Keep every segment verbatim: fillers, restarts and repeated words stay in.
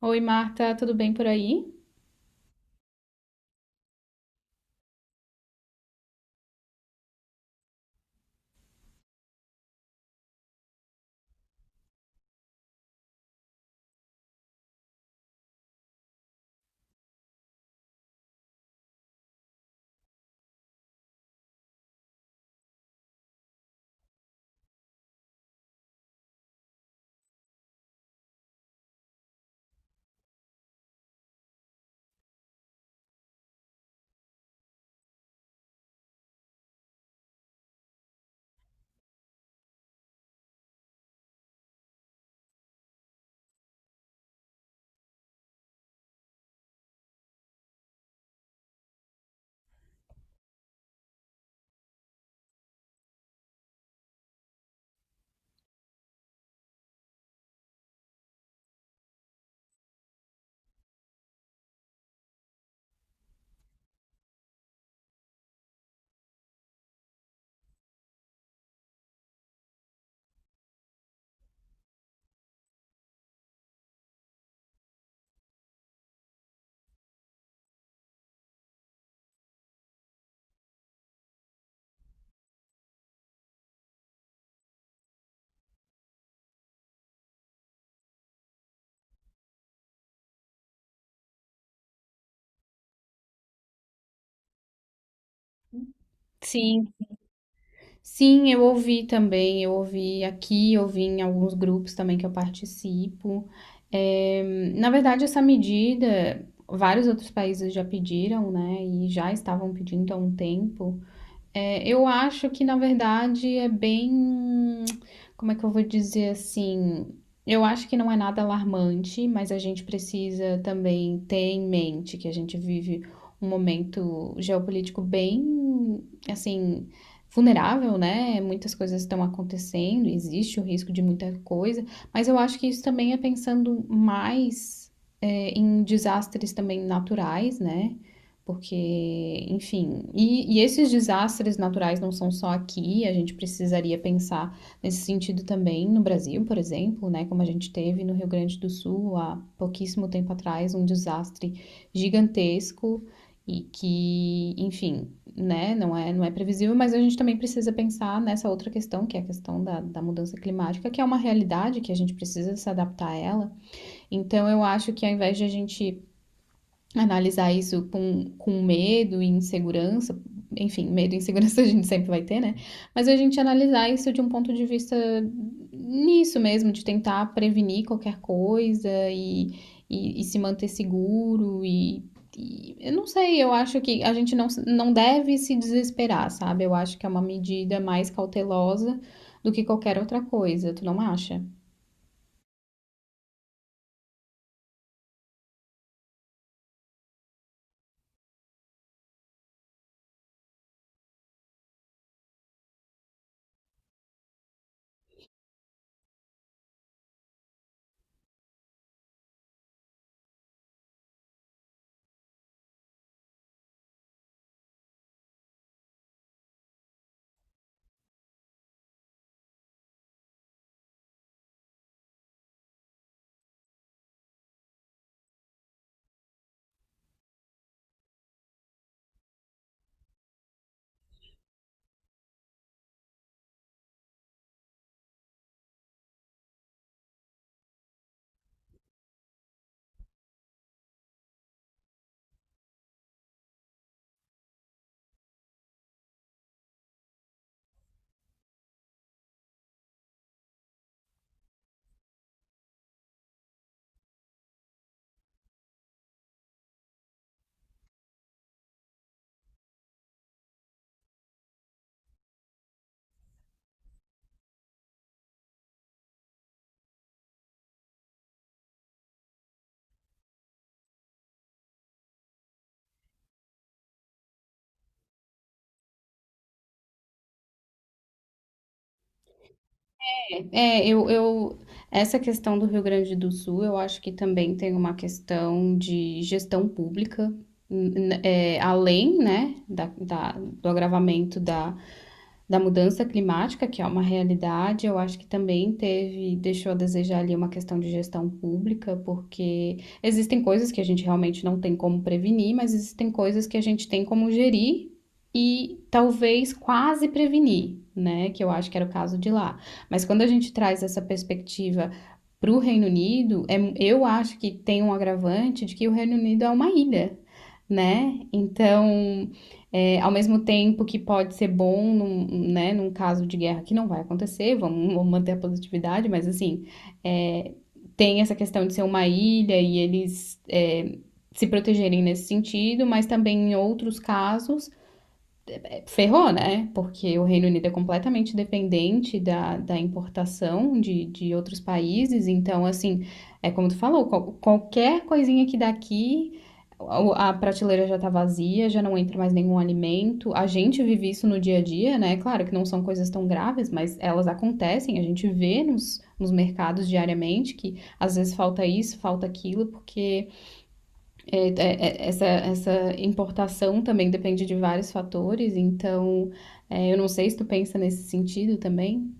Oi, Marta, tudo bem por aí? Sim, Sim, eu ouvi também, eu ouvi aqui, eu ouvi em alguns grupos também que eu participo. É, Na verdade, essa medida, vários outros países já pediram, né, e já estavam pedindo há um tempo. É, eu acho que, na verdade, é bem. Como é que eu vou dizer assim? Eu acho que não é nada alarmante, mas a gente precisa também ter em mente que a gente vive um momento geopolítico bem, assim, vulnerável, né? Muitas coisas estão acontecendo, existe o risco de muita coisa, mas eu acho que isso também é pensando mais, é, em desastres também naturais, né? Porque, enfim, e, e esses desastres naturais não são só aqui, a gente precisaria pensar nesse sentido também no Brasil, por exemplo, né? Como a gente teve no Rio Grande do Sul há pouquíssimo tempo atrás, um desastre gigantesco e que, enfim, né, não é, não é previsível, mas a gente também precisa pensar nessa outra questão, que é a questão da, da mudança climática, que é uma realidade que a gente precisa se adaptar a ela. Então, eu acho que ao invés de a gente analisar isso com, com medo e insegurança, enfim, medo e insegurança a gente sempre vai ter, né? Mas a gente analisar isso de um ponto de vista nisso mesmo, de tentar prevenir qualquer coisa e, e, e se manter seguro e, e eu não sei, eu acho que a gente não, não deve se desesperar, sabe? Eu acho que é uma medida mais cautelosa do que qualquer outra coisa, tu não acha? É, é, eu, eu, essa questão do Rio Grande do Sul, eu acho que também tem uma questão de gestão pública, n- n- é, além, né, da, da- do agravamento da, da mudança climática, que é uma realidade, eu acho que também teve, deixou a desejar ali uma questão de gestão pública, porque existem coisas que a gente realmente não tem como prevenir, mas existem coisas que a gente tem como gerir e talvez quase prevenir, né? Que eu acho que era o caso de lá. Mas quando a gente traz essa perspectiva para o Reino Unido, é, eu acho que tem um agravante de que o Reino Unido é uma ilha, né? Então, é, ao mesmo tempo que pode ser bom num, né, num caso de guerra que não vai acontecer, vamos, vamos manter a positividade, mas assim, é, tem essa questão de ser uma ilha e eles é, se protegerem nesse sentido, mas também em outros casos ferrou, né? Porque o Reino Unido é completamente dependente da, da importação de, de outros países. Então, assim, é como tu falou, qual- qualquer coisinha que daqui, a prateleira já tá vazia, já não entra mais nenhum alimento. A gente vive isso no dia a dia, né? Claro que não são coisas tão graves, mas elas acontecem. A gente vê nos, nos mercados diariamente que às vezes falta isso, falta aquilo, porque é, é, é, essa, essa importação também depende de vários fatores, então é, eu não sei se tu pensa nesse sentido também.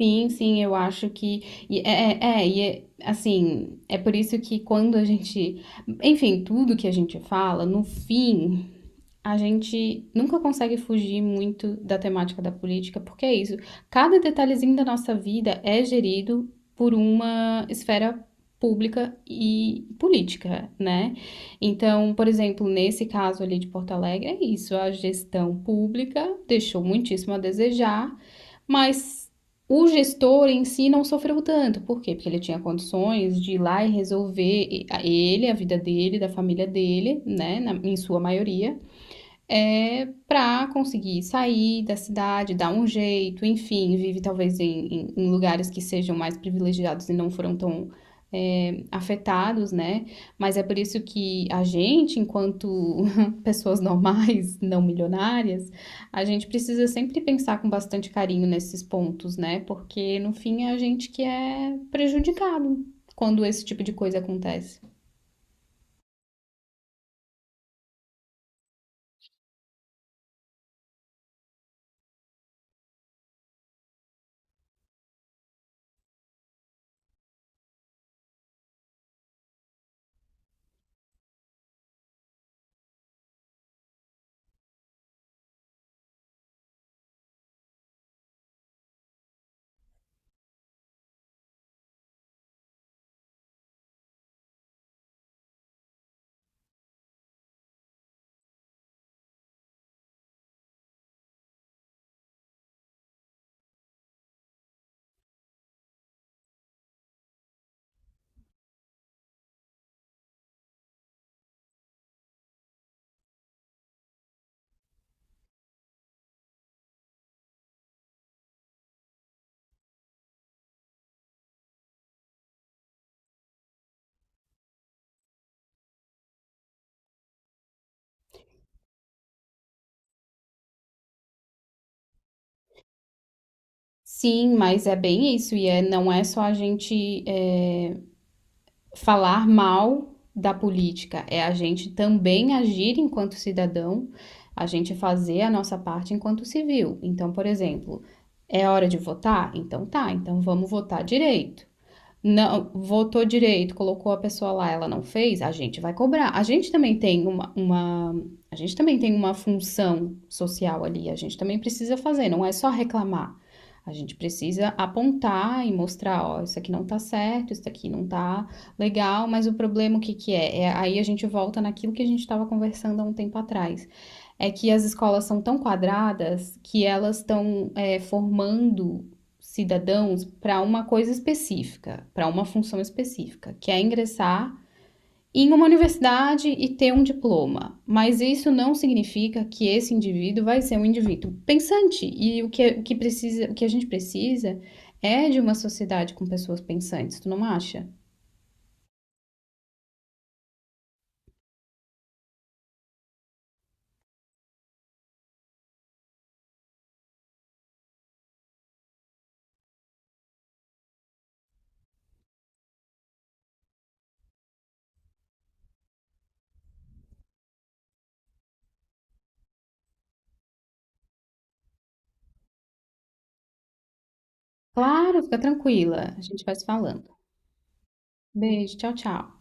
Sim, sim, eu acho que. E é, é, é, e é, assim, é por isso que quando a gente. Enfim, tudo que a gente fala, no fim, a gente nunca consegue fugir muito da temática da política, porque é isso. Cada detalhezinho da nossa vida é gerido por uma esfera pública e política, né? Então, por exemplo, nesse caso ali de Porto Alegre, é isso. A gestão pública deixou muitíssimo a desejar, mas o gestor em si não sofreu tanto. Por quê? Porque ele tinha condições de ir lá e resolver ele, a vida dele, da família dele, né? Na- em sua maioria é, para conseguir sair da cidade, dar um jeito, enfim, vive talvez em, em- em lugares que sejam mais privilegiados e não foram tão é, afetados, né? Mas é por isso que a gente, enquanto pessoas normais, não milionárias, a gente precisa sempre pensar com bastante carinho nesses pontos, né? Porque no fim é a gente que é prejudicado quando esse tipo de coisa acontece. Sim, mas é bem isso, e é, não é só a gente é, falar mal da política, é a gente também agir enquanto cidadão, a gente fazer a nossa parte enquanto civil. Então, por exemplo, é hora de votar? Então tá, então vamos votar direito, não votou direito, colocou a pessoa lá, ela não fez, a gente vai cobrar. A gente também tem uma, uma, a gente também tem uma função social ali, a gente também precisa fazer, não é só reclamar. A gente precisa apontar e mostrar, ó, isso aqui não tá certo, isso aqui não tá legal, mas o problema o que que é? É aí a gente volta naquilo que a gente estava conversando há um tempo atrás. É que as escolas são tão quadradas que elas estão é, formando cidadãos para uma coisa específica, para uma função específica, que é ingressar em uma universidade e ter um diploma. Mas isso não significa que esse indivíduo vai ser um indivíduo pensante. E o que, o que, precisa, o que a gente precisa é de uma sociedade com pessoas pensantes, tu não acha? Claro, fica tranquila, a gente vai se falando. Beijo, tchau, tchau.